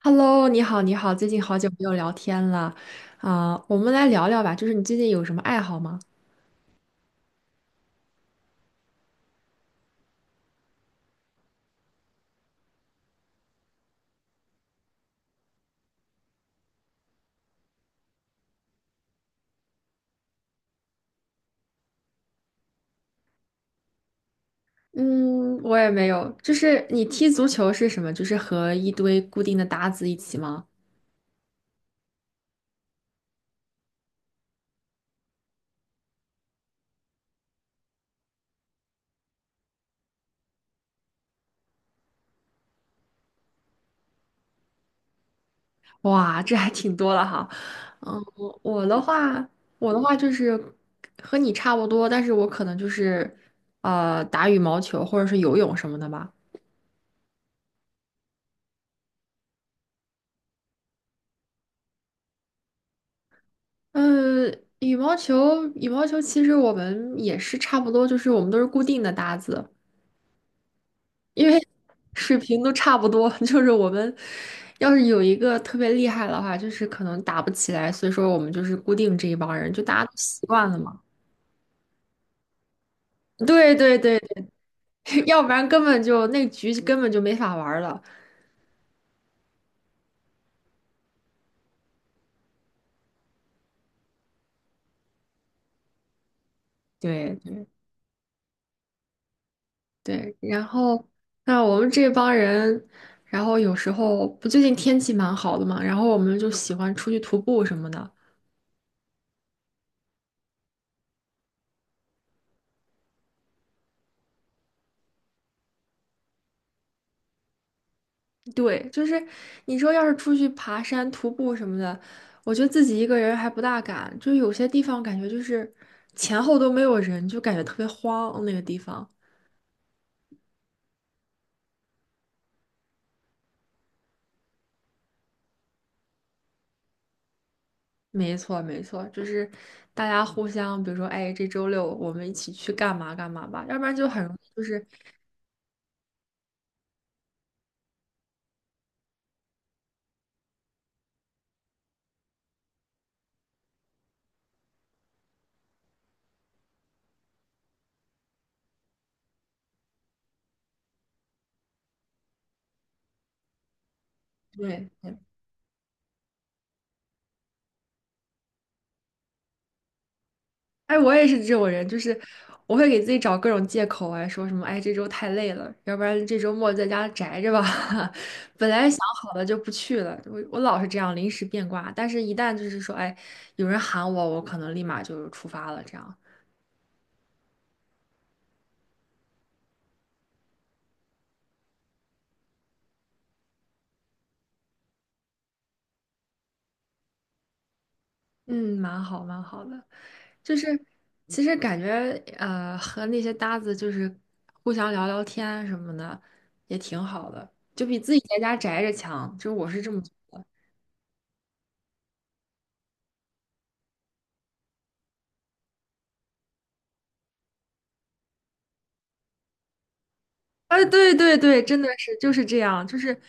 Hello，你好，你好，最近好久没有聊天了，我们来聊聊吧，就是你最近有什么爱好吗？嗯，我也没有，就是你踢足球是什么？就是和一堆固定的搭子一起吗？哇，这还挺多了哈。嗯，我的话，我的话就是和你差不多，但是我可能就是打羽毛球或者是游泳什么的吧。嗯，羽毛球，羽毛球其实我们也是差不多，就是我们都是固定的搭子。因为水平都差不多，就是我们要是有一个特别厉害的话，就是可能打不起来，所以说我们就是固定这一帮人，就大家都习惯了嘛。对对对，对 要不然根本就那局根本就没法玩儿了。对对，然后那我们这帮人，然后有时候不最近天气蛮好的嘛，然后我们就喜欢出去徒步什么的。对，就是你说要是出去爬山、徒步什么的，我觉得自己一个人还不大敢，就有些地方感觉就是前后都没有人，就感觉特别慌。那个地方。没错，没错，就是大家互相，比如说，哎，这周六我们一起去干嘛干嘛吧，要不然就很容易就是对。哎，我也是这种人，就是我会给自己找各种借口啊，说什么哎这周太累了，要不然这周末在家宅着吧。本来想好了就不去了，我老是这样临时变卦，但是一旦就是说哎有人喊我，我可能立马就出发了，这样，嗯，蛮好蛮好的，就是其实感觉和那些搭子就是互相聊聊天什么的也挺好的，就比自己在家宅着强，就是我是这么觉得。哎，对对对，真的是就是这样，就是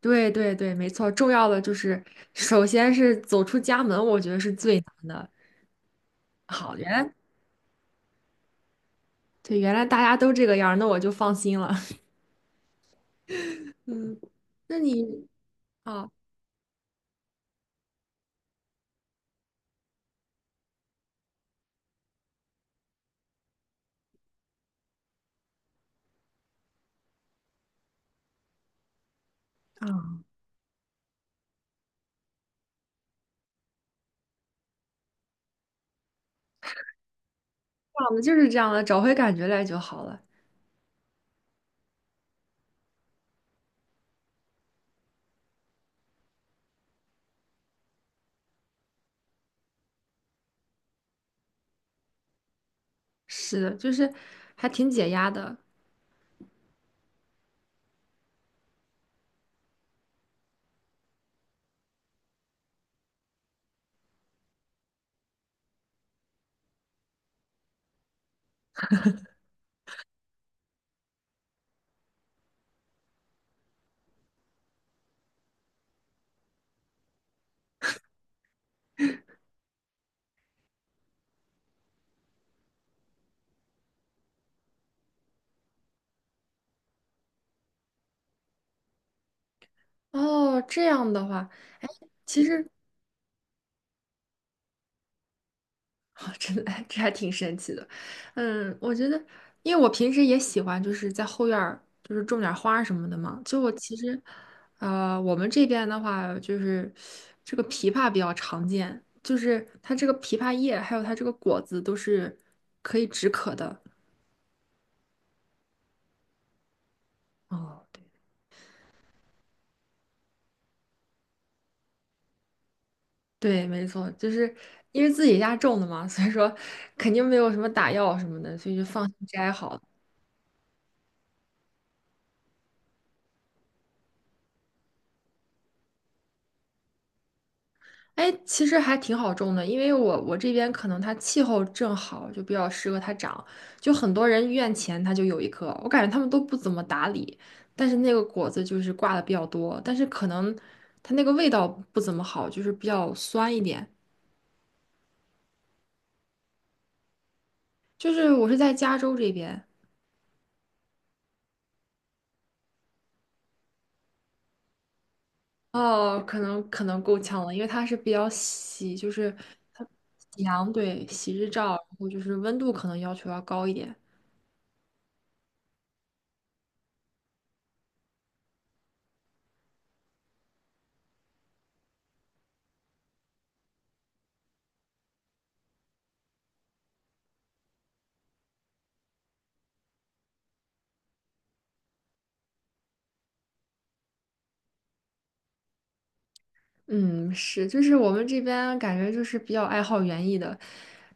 对对对，没错。重要的就是，首先是走出家门，我觉得是最难的。好，原来对，原来大家都这个样儿，那我就放心了。嗯，那你啊啊，我们就是这样的，找回感觉来就好了。是的，就是还挺解压的。哦，这样的话。哦，真的，这还挺神奇的。嗯，我觉得，因为我平时也喜欢，就是在后院儿，就是种点儿花儿什么的嘛。就我其实，我们这边的话，就是这个枇杷比较常见，就是它这个枇杷叶还有它这个果子都是，哦，对，对，没错，就是因为自己家种的嘛，所以说肯定没有什么打药什么的，所以就放心摘好。哎，其实还挺好种的，因为我这边可能它气候正好，就比较适合它长。就很多人院前它就有一棵，我感觉他们都不怎么打理，但是那个果子就是挂的比较多，但是可能它那个味道不怎么好，就是比较酸一点。就是我是在加州这边，哦，可能够呛了，因为它是比较喜，就是它喜阳，对，喜日照，然后就是温度可能要求要高一点。嗯，是，就是我们这边感觉就是比较爱好园艺的，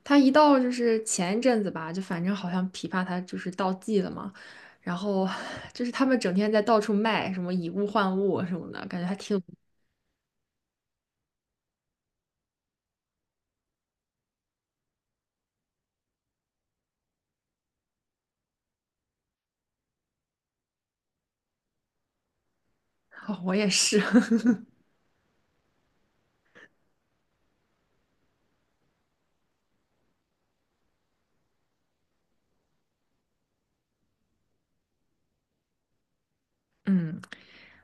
他一到就是前一阵子吧，就反正好像枇杷它就是到季了嘛，然后就是他们整天在到处卖什么以物换物什么的，感觉还挺哦我也是，嗯，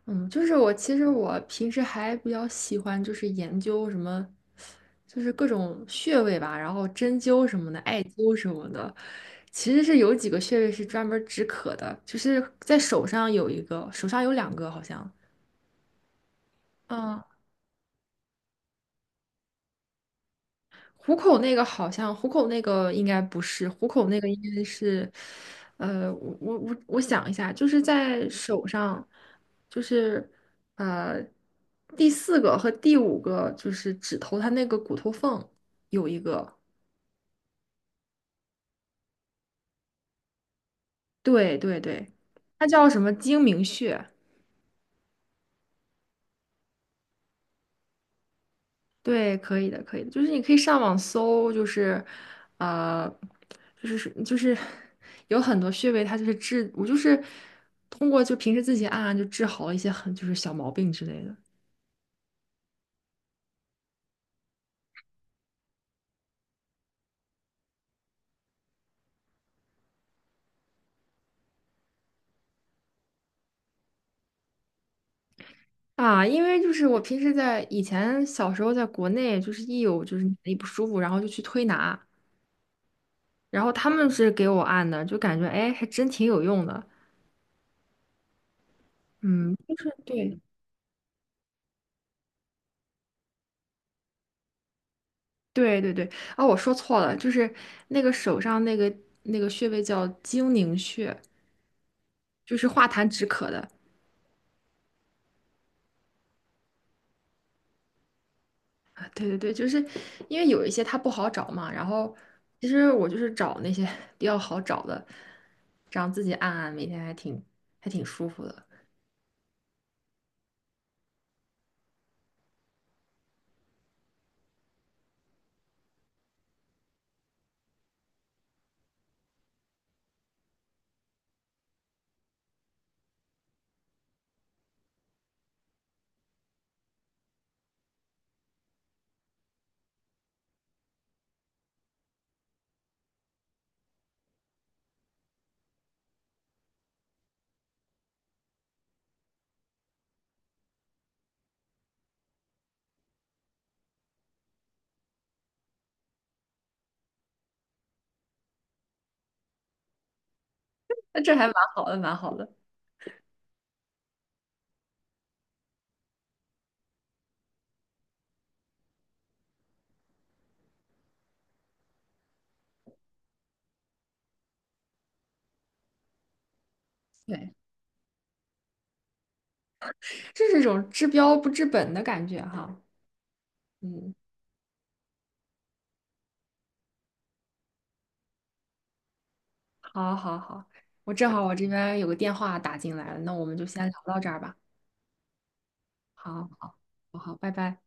嗯，就是我其实平时还比较喜欢就是研究什么，就是各种穴位吧，然后针灸什么的，艾灸什么的。其实是有几个穴位是专门止渴的，就是在手上有一个，手上有两个好像。虎口那个应该不是，虎口那个应该是，我想一下，就是在手上，就是呃第四个和第五个就是指头，它那个骨头缝有一个，对对对，它叫什么睛明穴。对，可以的，可以的，就是你可以上网搜，就是，呃，就是有很多穴位，它就是治，我就是通过就平时自己按按就治好了一些很就是小毛病之类的啊。因为就是我平时在以前小时候在国内，就是一有就是哪里不舒服，然后就去推拿，然后他们是给我按的，就感觉哎还真挺有用的，嗯，就是对。对对对，啊，我说错了，就是那个手上那个那个穴位叫睛宁穴，就是化痰止渴的。啊对对对，就是因为有一些它不好找嘛，然后其实我就是找那些 比较好找的，这样自己按按，每天还挺还挺舒服的。那这还蛮好的，蛮好的。对，这是一种治标不治本的感觉哈。嗯，好，好，好，我正好我这边有个电话打进来了，那我们就先聊到这儿吧。好，好，好，好，拜拜。